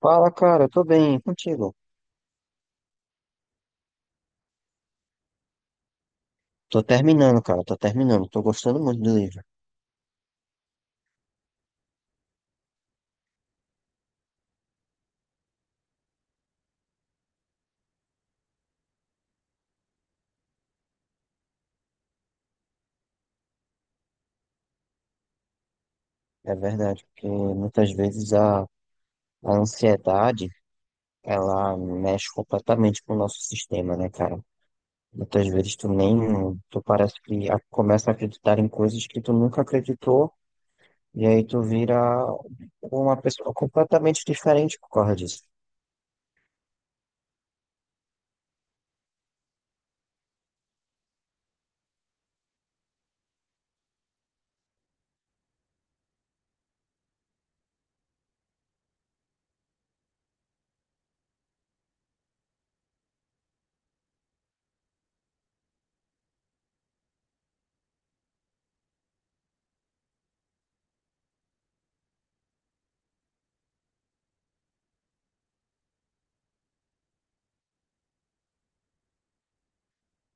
Fala, cara, eu tô bem, e contigo? Tô terminando, cara, tô terminando. Tô gostando muito do livro. É verdade, porque muitas vezes a ansiedade, ela mexe completamente com o nosso sistema, né, cara? Muitas vezes tu nem, tu parece que começa a acreditar em coisas que tu nunca acreditou, e aí tu vira uma pessoa completamente diferente por causa disso.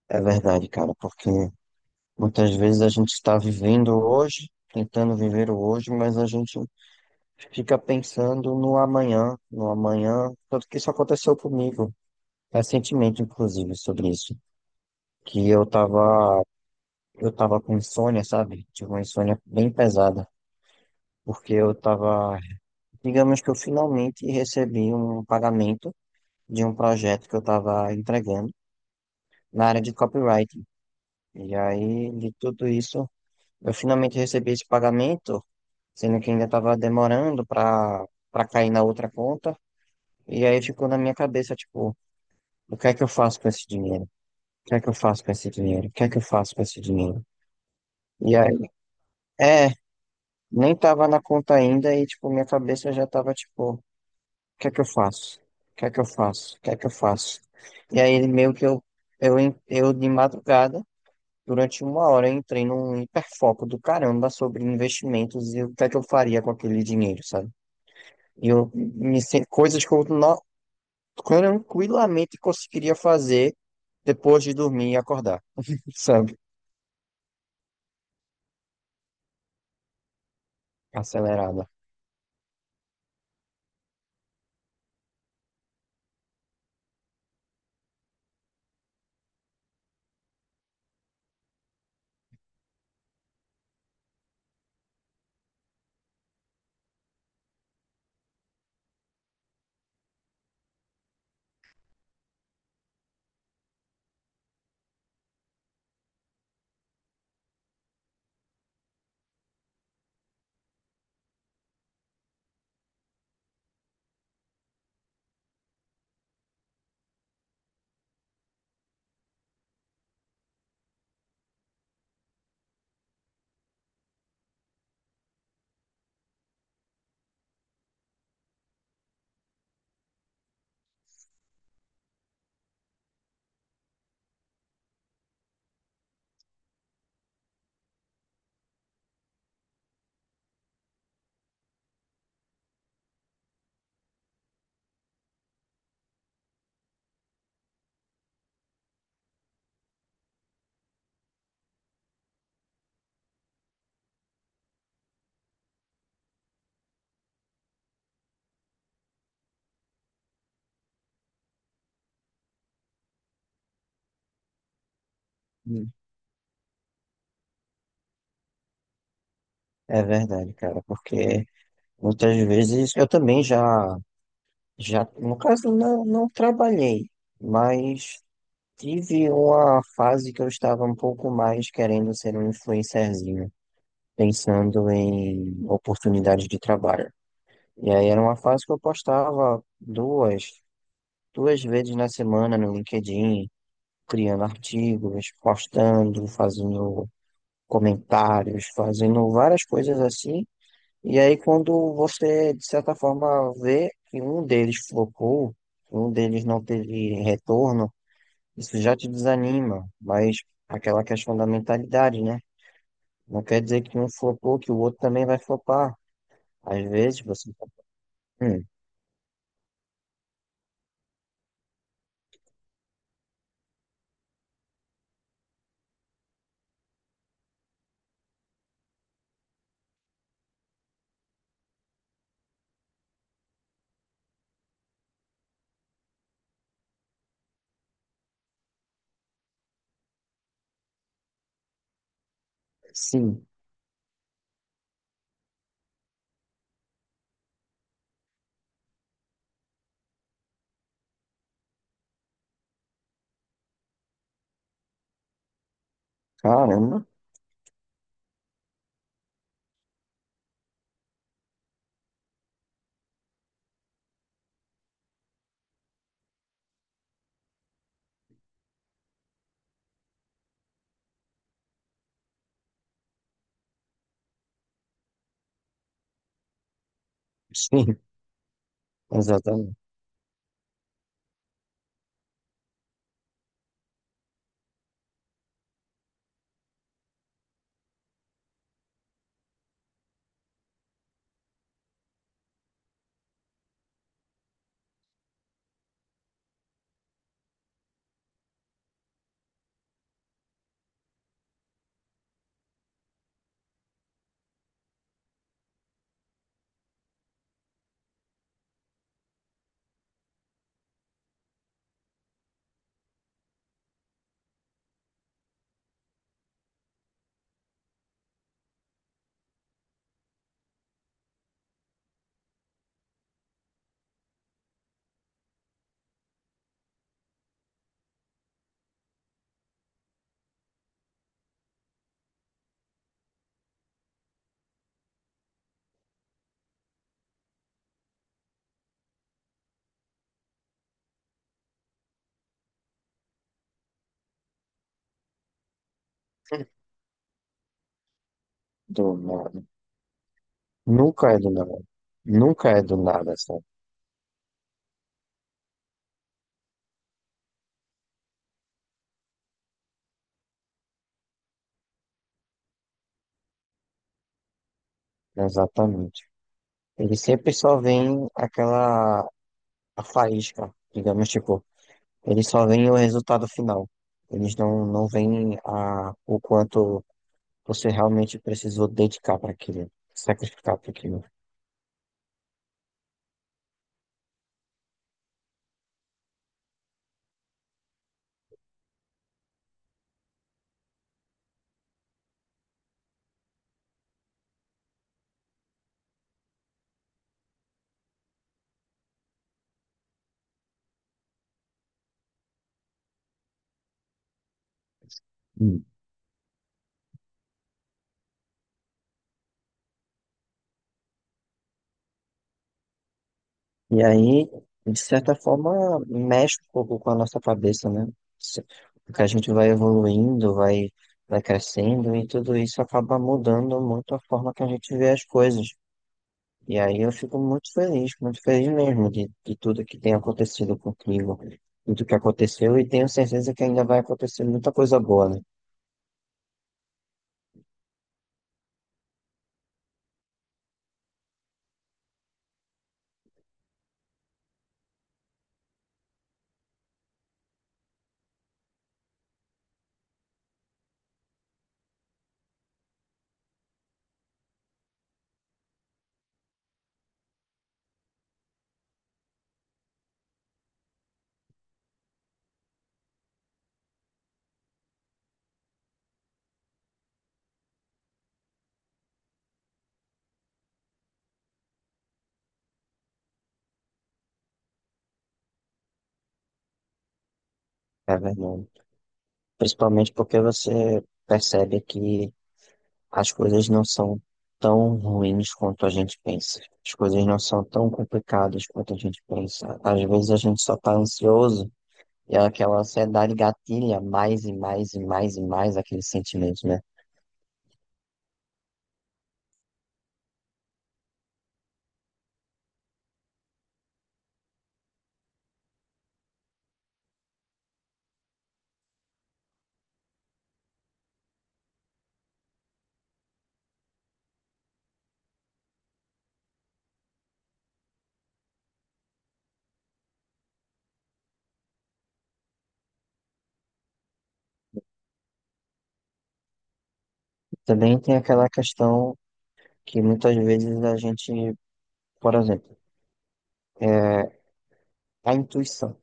É verdade, cara, porque muitas vezes a gente está vivendo hoje, tentando viver o hoje, mas a gente fica pensando no amanhã, no amanhã, tanto que isso aconteceu comigo recentemente, inclusive, sobre isso, que eu tava com insônia, sabe? Tive uma insônia bem pesada, porque eu tava, digamos que eu finalmente recebi um pagamento de um projeto que eu tava entregando na área de copywriting. E aí, de tudo isso, eu finalmente recebi esse pagamento, sendo que ainda tava demorando para cair na outra conta. E aí ficou na minha cabeça, tipo, o que é que eu faço com esse dinheiro? O que é que eu faço com esse dinheiro? O que é que eu faço com esse dinheiro? E aí, é, nem tava na conta ainda e, tipo, minha cabeça já tava, tipo, o que é que eu faço? O que é que eu faço? O que é que eu faço? E aí, meio que eu de madrugada, durante uma hora, eu entrei num hiperfoco do caramba sobre investimentos e o que é que eu faria com aquele dinheiro, sabe? E coisas que eu no- tranquilamente conseguiria fazer depois de dormir e acordar, sabe? Acelerada. Hum. É verdade, cara, porque muitas vezes eu também no caso, não, não trabalhei, mas tive uma fase que eu estava um pouco mais querendo ser um influencerzinho, pensando em oportunidades de trabalho. E aí era uma fase que eu postava duas vezes na semana no LinkedIn, criando artigos, postando, fazendo comentários, fazendo várias coisas assim. E aí, quando você, de certa forma, vê que um deles flopou, que um deles não teve retorno, isso já te desanima. Mas aquela questão da mentalidade, né? Não quer dizer que um flopou, que o outro também vai flopar. Às vezes você fala, hum, sim, caramba, sim, exatamente. Do nada. Nunca é do nada. Nunca é do nada, sabe? Exatamente. Ele sempre só vem aquela a faísca, digamos, tipo. Eles só veem o resultado final. Eles não veem a, o quanto você realmente precisou dedicar para aquilo, sacrificar para aquilo. Hum. E aí, de certa forma, mexe um pouco com a nossa cabeça, né? Se- Porque a gente vai evoluindo, vai crescendo e tudo isso acaba mudando muito a forma que a gente vê as coisas. E aí eu fico muito feliz mesmo de tudo que tem acontecido contigo, tudo que aconteceu, e tenho certeza que ainda vai acontecer muita coisa boa, né? É verdade. Principalmente porque você percebe que as coisas não são tão ruins quanto a gente pensa. As coisas não são tão complicadas quanto a gente pensa. Às vezes a gente só tá ansioso e é aquela ansiedade gatilha mais e mais e mais e mais aquele sentimento, né? Também tem aquela questão que muitas vezes a gente... Por exemplo, é, a intuição.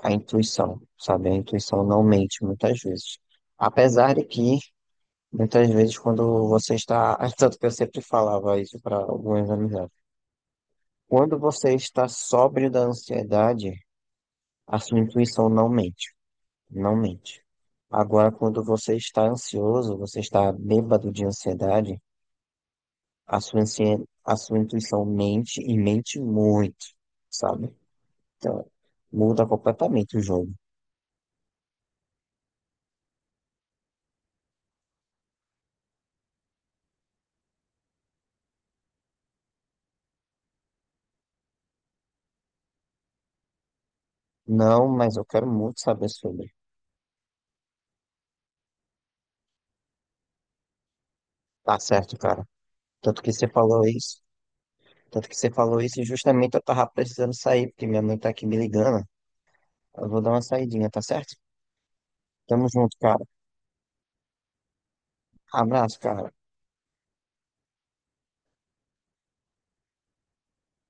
A intuição, sabe? A intuição não mente muitas vezes. Apesar de que, muitas vezes, quando você está... Tanto que eu sempre falava isso para algumas amizades. Quando você está sóbrio da ansiedade, a sua intuição não mente. Não mente. Agora, quando você está ansioso, você está bêbado de ansiedade, a a sua intuição mente e mente muito, sabe? Então, muda completamente o jogo. Não, mas eu quero muito saber sobre. Tá certo, cara. Tanto que você falou isso. Tanto que você falou isso e justamente eu tava precisando sair, porque minha mãe tá aqui me ligando. Eu vou dar uma saidinha, tá certo? Tamo junto, cara. Abraço, cara.